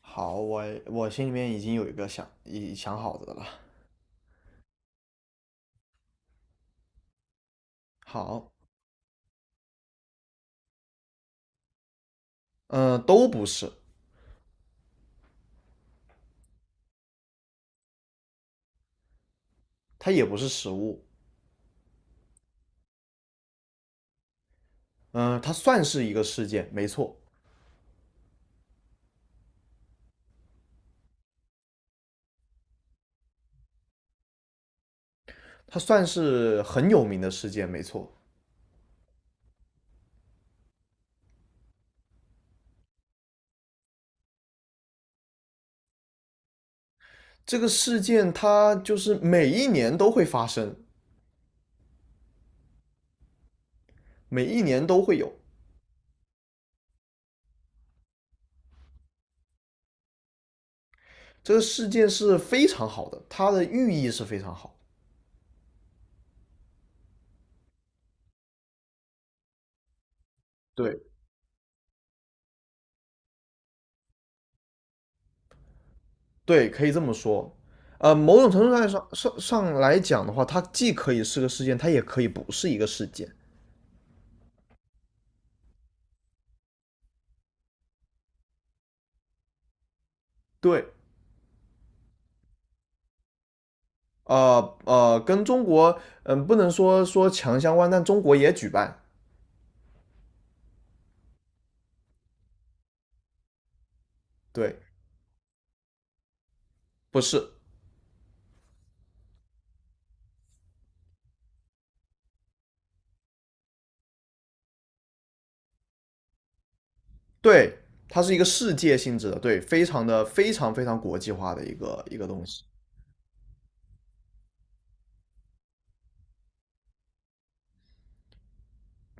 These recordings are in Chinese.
好，我心里面已经有一个想好的了。好，都不是，它也不是食物，它算是一个事件，没错，它算是很有名的事件，没错。这个事件它就是每一年都会发生，每一年都会有。这个事件是非常好的，它的寓意是非常好。对对，可以这么说。呃，某种程度上来讲的话，它既可以是个事件，它也可以不是一个事件。对，跟中国嗯不能说强相关，但中国也举办，对，不是，对，它是一个世界性质的，对，非常的非常非常国际化的一个东西，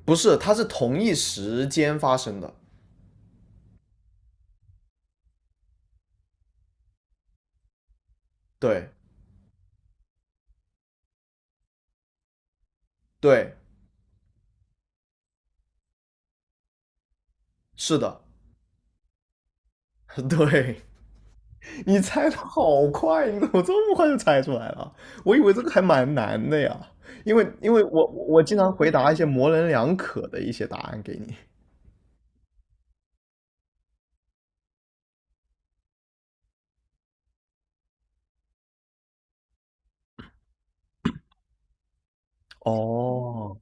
不是，它是同一时间发生的，对对，是的，对，你猜的好快，你怎么这么快就猜出来了？我以为这个还蛮难的呀，因为我经常回答一些模棱两可的一些答案给你。哦，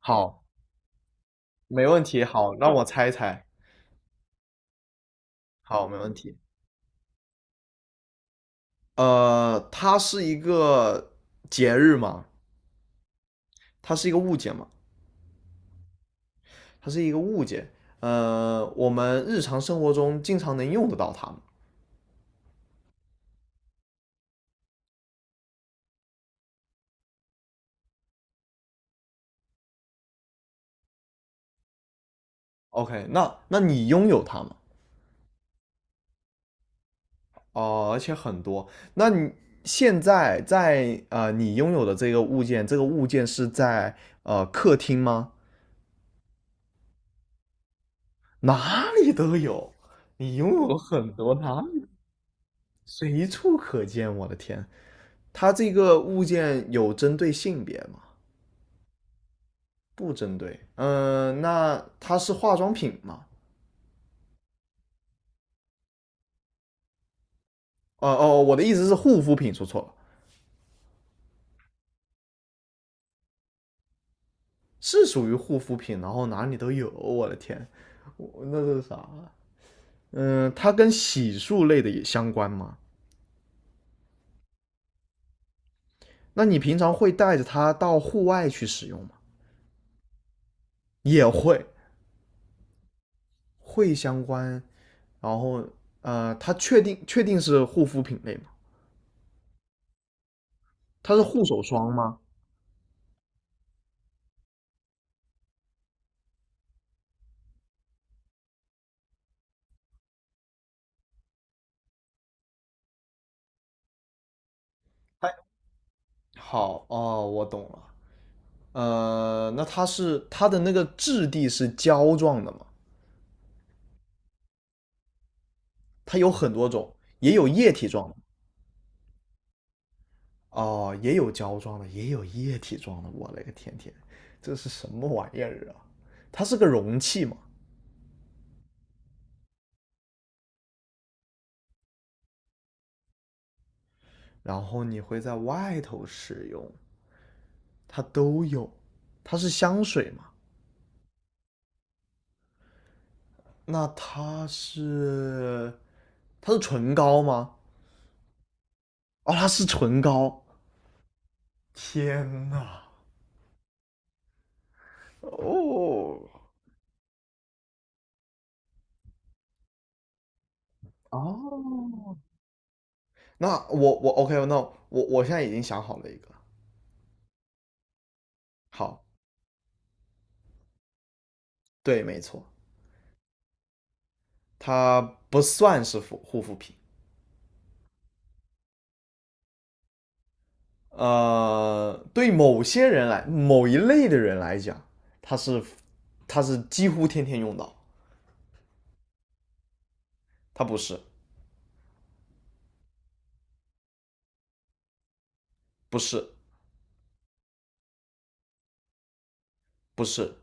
好，没问题，好，让我猜一猜。好，没问题。呃，它是一个节日嘛？它是一个物件嘛？它是一个物件。呃，我们日常生活中经常能用得到它吗？OK，那你拥有它吗？哦，而且很多。那你现在在呃，你拥有的这个物件，这个物件是在呃客厅吗？哪里都有，你拥有很多，哪里随处可见。我的天！它这个物件有针对性别吗？不针对。那它是化妆品吗？哦，我的意思是护肤品，说错了，是属于护肤品，然后哪里都有。我的天，我那是啥？它跟洗漱类的也相关吗？那你平常会带着它到户外去使用吗？也会，会相关。然后，呃，它确定是护肤品类吗？它是护手霜吗？哎，好哦，我懂了。呃，那它是它的那个质地是胶状的嘛？它有很多种，也有液体状的哦，也有胶状的，也有液体状的。我勒个天，这是什么玩意儿啊？它是个容器嘛，然后你会在外头使用，它都有。它是香水嘛？那它是它是唇膏吗？哦，它是唇膏。天呐！哦哦。那我 OK，那我现在已经想好了一个，好，对，没错，它不算是护肤品，呃，对某些人来，某一类的人来讲，它是它是几乎天天用到，它不是，不是，不是，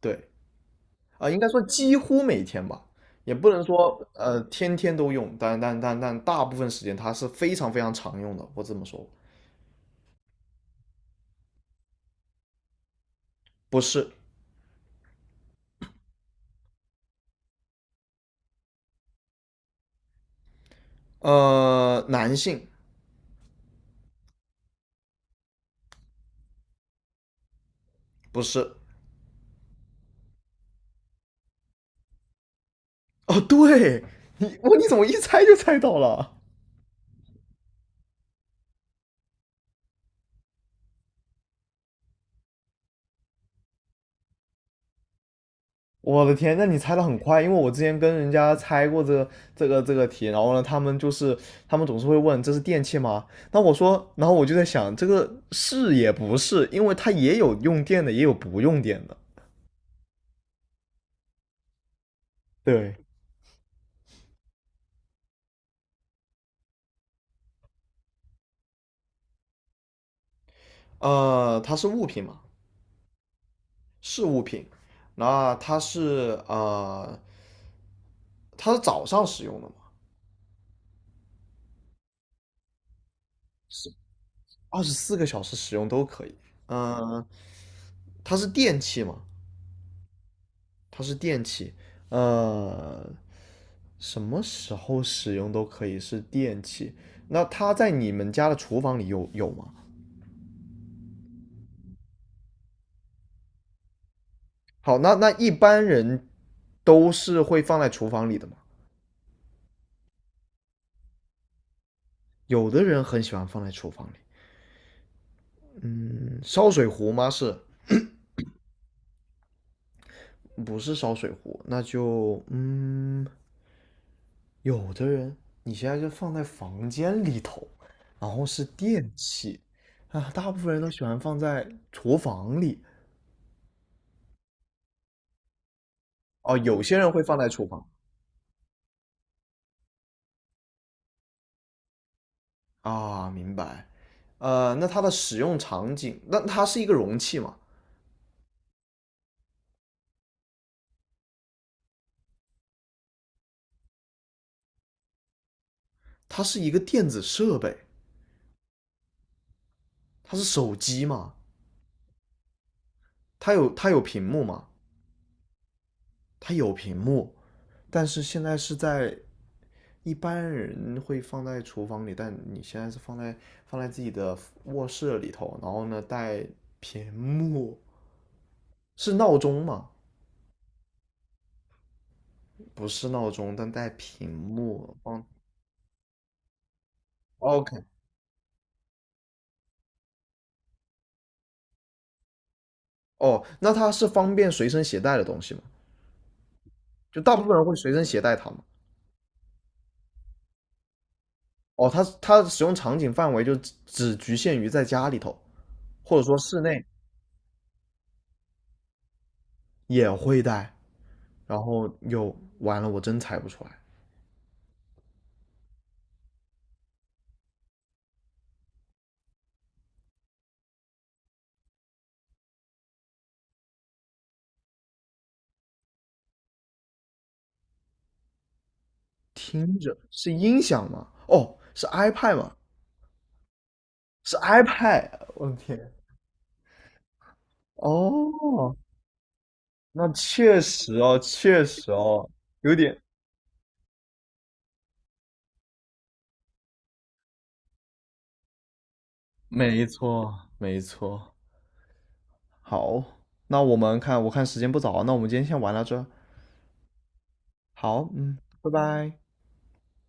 对，啊、应该说几乎每天吧，也不能说呃天天都用，但大部分时间它是非常非常常用的，我这么说，不是，呃，男性不是。哦，对你，你怎么一猜就猜到了？我的天，那你猜的很快，因为我之前跟人家猜过这个题，然后呢，他们就是他们总是会问这是电器吗？那我说，然后我就在想，这个是也不是，因为它也有用电的，也有不用电的。对，呃，它是物品嘛，是物品。那它是呃，它是早上使用的嘛，是24个小时使用都可以。嗯、它是电器嘛，它是电器，呃，什么时候使用都可以是电器。那它在你们家的厨房里有吗？好，那一般人都是会放在厨房里的嘛？有的人很喜欢放在厨房里。嗯，烧水壶吗？是不是烧水壶？那就嗯，有的人你现在就放在房间里头，然后是电器啊，大部分人都喜欢放在厨房里。哦，有些人会放在厨房。啊，明白。呃，那它的使用场景，那它是一个容器嘛？它是一个电子设备，它是手机嘛？它有它有屏幕嘛？它有屏幕，但是现在是在一般人会放在厨房里，但你现在是放在放在自己的卧室里头，然后呢带屏幕，是闹钟吗？不是闹钟，但带屏幕。嗯，OK，哦，那它是方便随身携带的东西吗？就大部分人会随身携带它吗？哦，它它的使用场景范围就只局限于在家里头，或者说室内也会带。然后又完了，我真猜不出来。听着是音响吗？哦，是 iPad 吗？是 iPad。我的天！哦，那确实哦，确实哦，有点。没错，没错。好，那我们看，我看时间不早啊，那我们今天先玩到这。好，嗯，拜拜。